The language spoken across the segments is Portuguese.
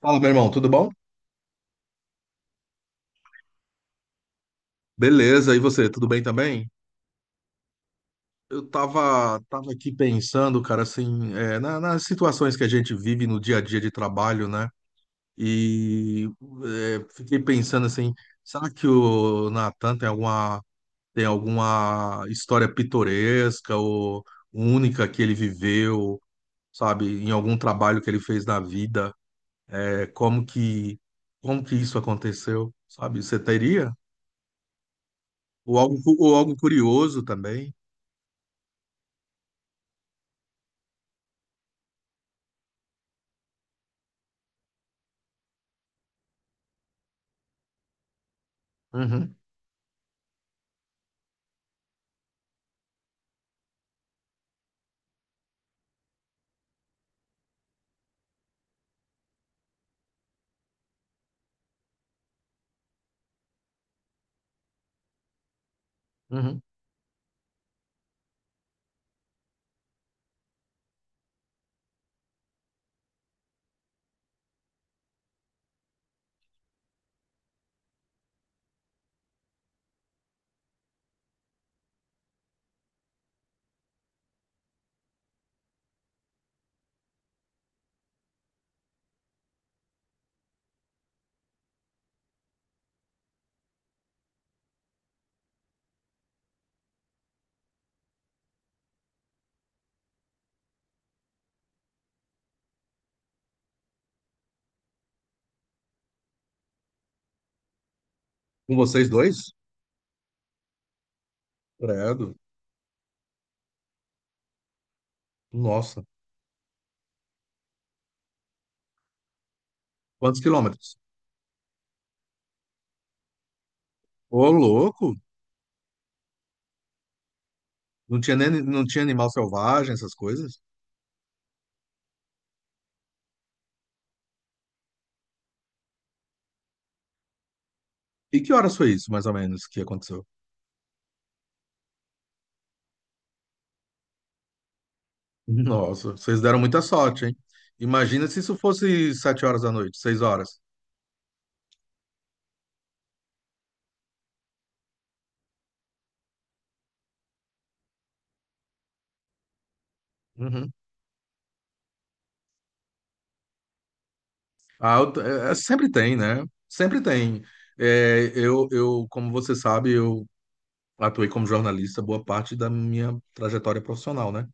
Fala, meu irmão, tudo bom? Beleza, e você, tudo bem também? Eu tava aqui pensando, cara, assim, nas situações que a gente vive no dia a dia de trabalho, né? E fiquei pensando assim, será que o Natan tem alguma história pitoresca ou única que ele viveu, sabe, em algum trabalho que ele fez na vida? É, como que, como que isso aconteceu, sabe? Você teria? Ou algo, ou algo curioso também? Uhum. Uhum. Com vocês dois? Credo. Nossa. Quantos quilômetros? Ô, louco! Não tinha nem, não tinha animal selvagem, essas coisas? E que horas foi isso, mais ou menos, que aconteceu? Nossa, vocês deram muita sorte, hein? Imagina se isso fosse 7 horas da noite, 6 horas. Uhum. Ah, sempre tem, né? Sempre tem. Eu, como você sabe, eu atuei como jornalista boa parte da minha trajetória profissional, né?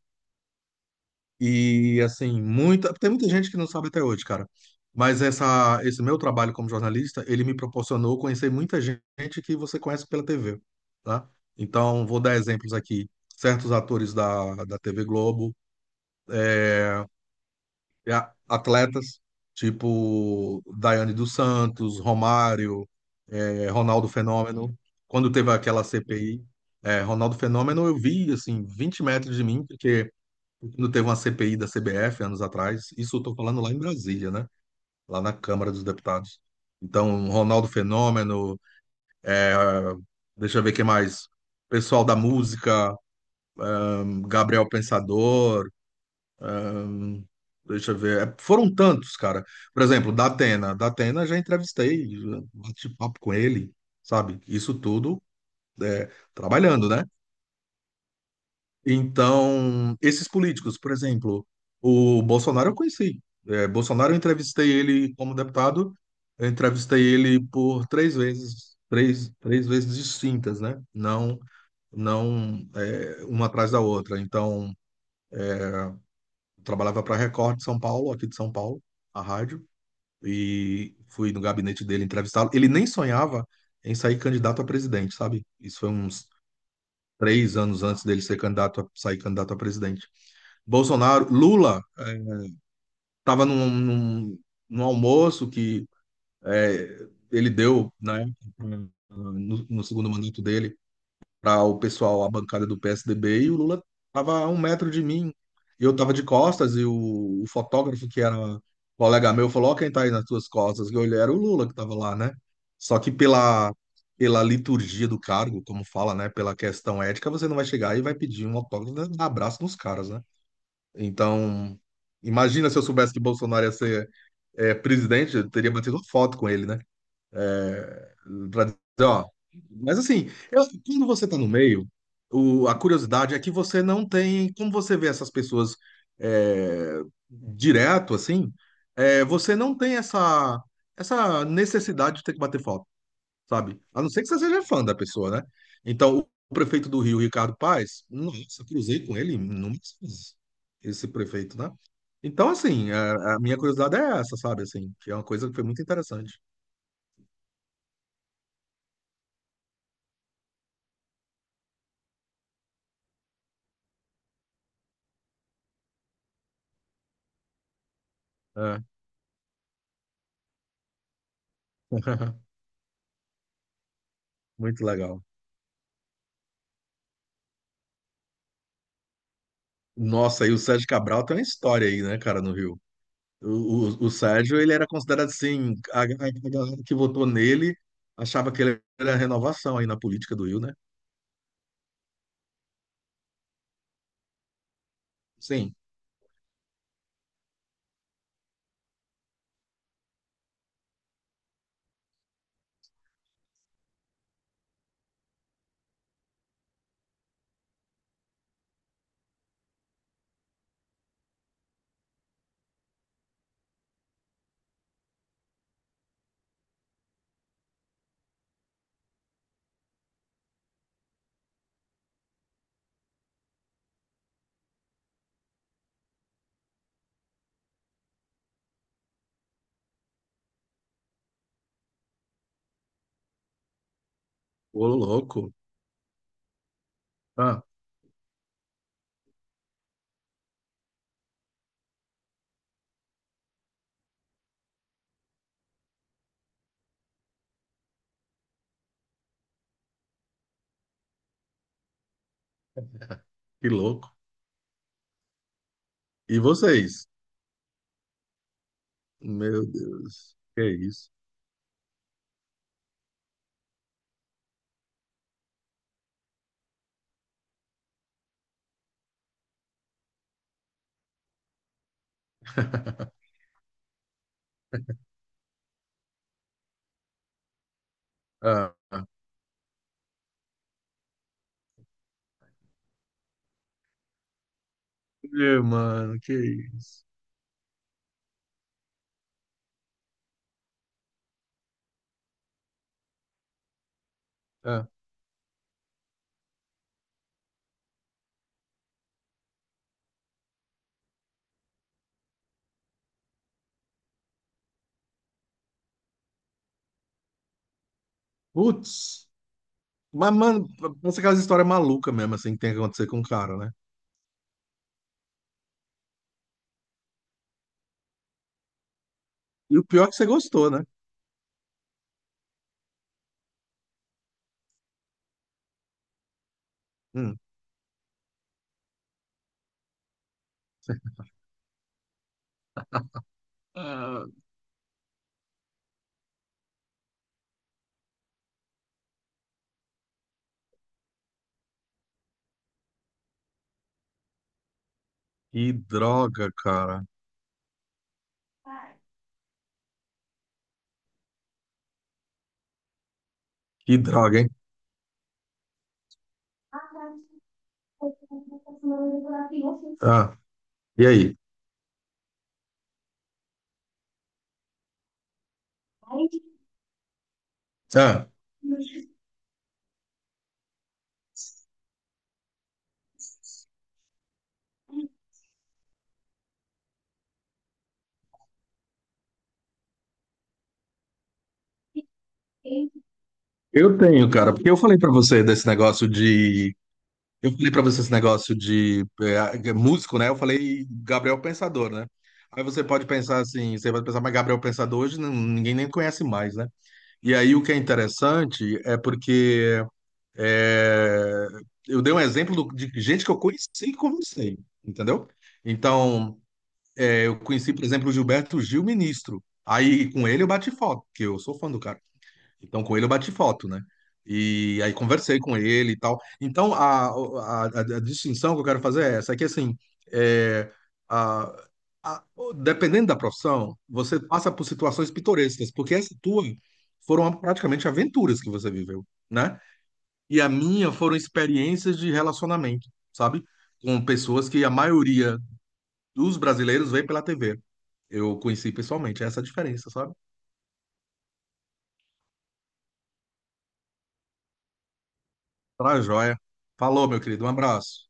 E assim, tem muita gente que não sabe até hoje, cara. Mas esse meu trabalho como jornalista, ele me proporcionou conhecer muita gente que você conhece pela TV, tá? Então, vou dar exemplos aqui. Certos atores da TV Globo, e atletas, tipo Daiane dos Santos, Romário, Ronaldo Fenômeno. Quando teve aquela CPI, Ronaldo Fenômeno, eu vi, assim, 20 metros de mim, porque quando teve uma CPI da CBF anos atrás, isso eu estou falando lá em Brasília, né? Lá na Câmara dos Deputados. Então, Ronaldo Fenômeno, deixa eu ver quem mais. Pessoal da música, Gabriel Pensador, hum, deixa eu ver. Foram tantos, cara. Por exemplo, da Atena. Da Atena já entrevistei, já bati papo com ele, sabe? Isso tudo é, trabalhando, né? Então, esses políticos, por exemplo, o Bolsonaro eu conheci. É, Bolsonaro eu entrevistei ele como deputado, eu entrevistei ele por 3 vezes, 3 vezes distintas, né? Não, não é, uma atrás da outra. Então, eu trabalhava para a Record de São Paulo, aqui de São Paulo, a rádio, e fui no gabinete dele entrevistá-lo. Ele nem sonhava em sair candidato a presidente, sabe? Isso foi uns 3 anos antes dele ser candidato a, sair candidato a presidente. Bolsonaro, Lula estava num almoço que ele deu, né, no, no segundo mandato dele, para o pessoal, a bancada do PSDB, e o Lula estava a 1 metro de mim. Eu estava de costas e o fotógrafo, que era colega meu, falou: Ó, quem está aí nas tuas costas? Que eu olhei, era o Lula que estava lá, né? Só que pela, pela liturgia do cargo, como fala, né, pela questão ética, você não vai chegar e vai pedir um autógrafo, né, dar abraço nos caras, né? Então, imagina se eu soubesse que Bolsonaro ia ser presidente, eu teria batido uma foto com ele, né? Pra dizer, ó. Mas assim, quando você tá no meio, a curiosidade é que você não tem. Como você vê essas pessoas é, direto, assim, você não tem essa, essa necessidade de ter que bater foto sabe? A não ser que você seja fã da pessoa, né? Então, o prefeito do Rio, Ricardo Paes, nossa, cruzei com ele inúmeras vezes, esse prefeito, né? Então, assim, a minha curiosidade é essa, sabe? Assim, que é uma coisa que foi muito interessante. É. Muito legal. Nossa, e o Sérgio Cabral tem uma história aí, né, cara, no Rio. O, o Sérgio, ele era considerado assim, a galera que votou nele achava que ele era renovação aí na política do Rio, né? Sim. Ô, louco. Ah, que louco. E vocês? Meu Deus, que isso? Ah, meu, mano, que isso? Ah, putz, mas, mano, pensa aquelas histórias malucas mesmo, assim, que tem que acontecer com o cara, né? E o pior é que você gostou, né? Hum. Ah, que droga, cara. Que droga, hein? Ah, e aí? Ah, eu tenho, cara, porque eu falei pra você desse negócio de Eu falei pra você esse negócio de músico, né? Eu falei Gabriel Pensador, né? Aí você pode pensar assim, você vai pensar, mas Gabriel Pensador hoje ninguém nem conhece mais, né? E aí o que é interessante é porque é, eu dei um exemplo de gente que eu conheci e conversei, entendeu? Então, eu conheci, por exemplo, o Gilberto Gil, ministro. Aí com ele eu bati foto, porque eu sou fã do cara. Então, com ele eu bati foto, né? E aí conversei com ele e tal. Então, a distinção que eu quero fazer é essa, é que assim, é, a- a- dependendo da profissão, você passa por situações pitorescas, porque essa tua foram praticamente aventuras que você viveu, né? E a minha foram experiências de relacionamento, sabe? Com pessoas que a maioria dos brasileiros vê pela TV. Eu conheci pessoalmente, essa é a diferença, sabe? Pra joia. Falou, meu querido, um abraço.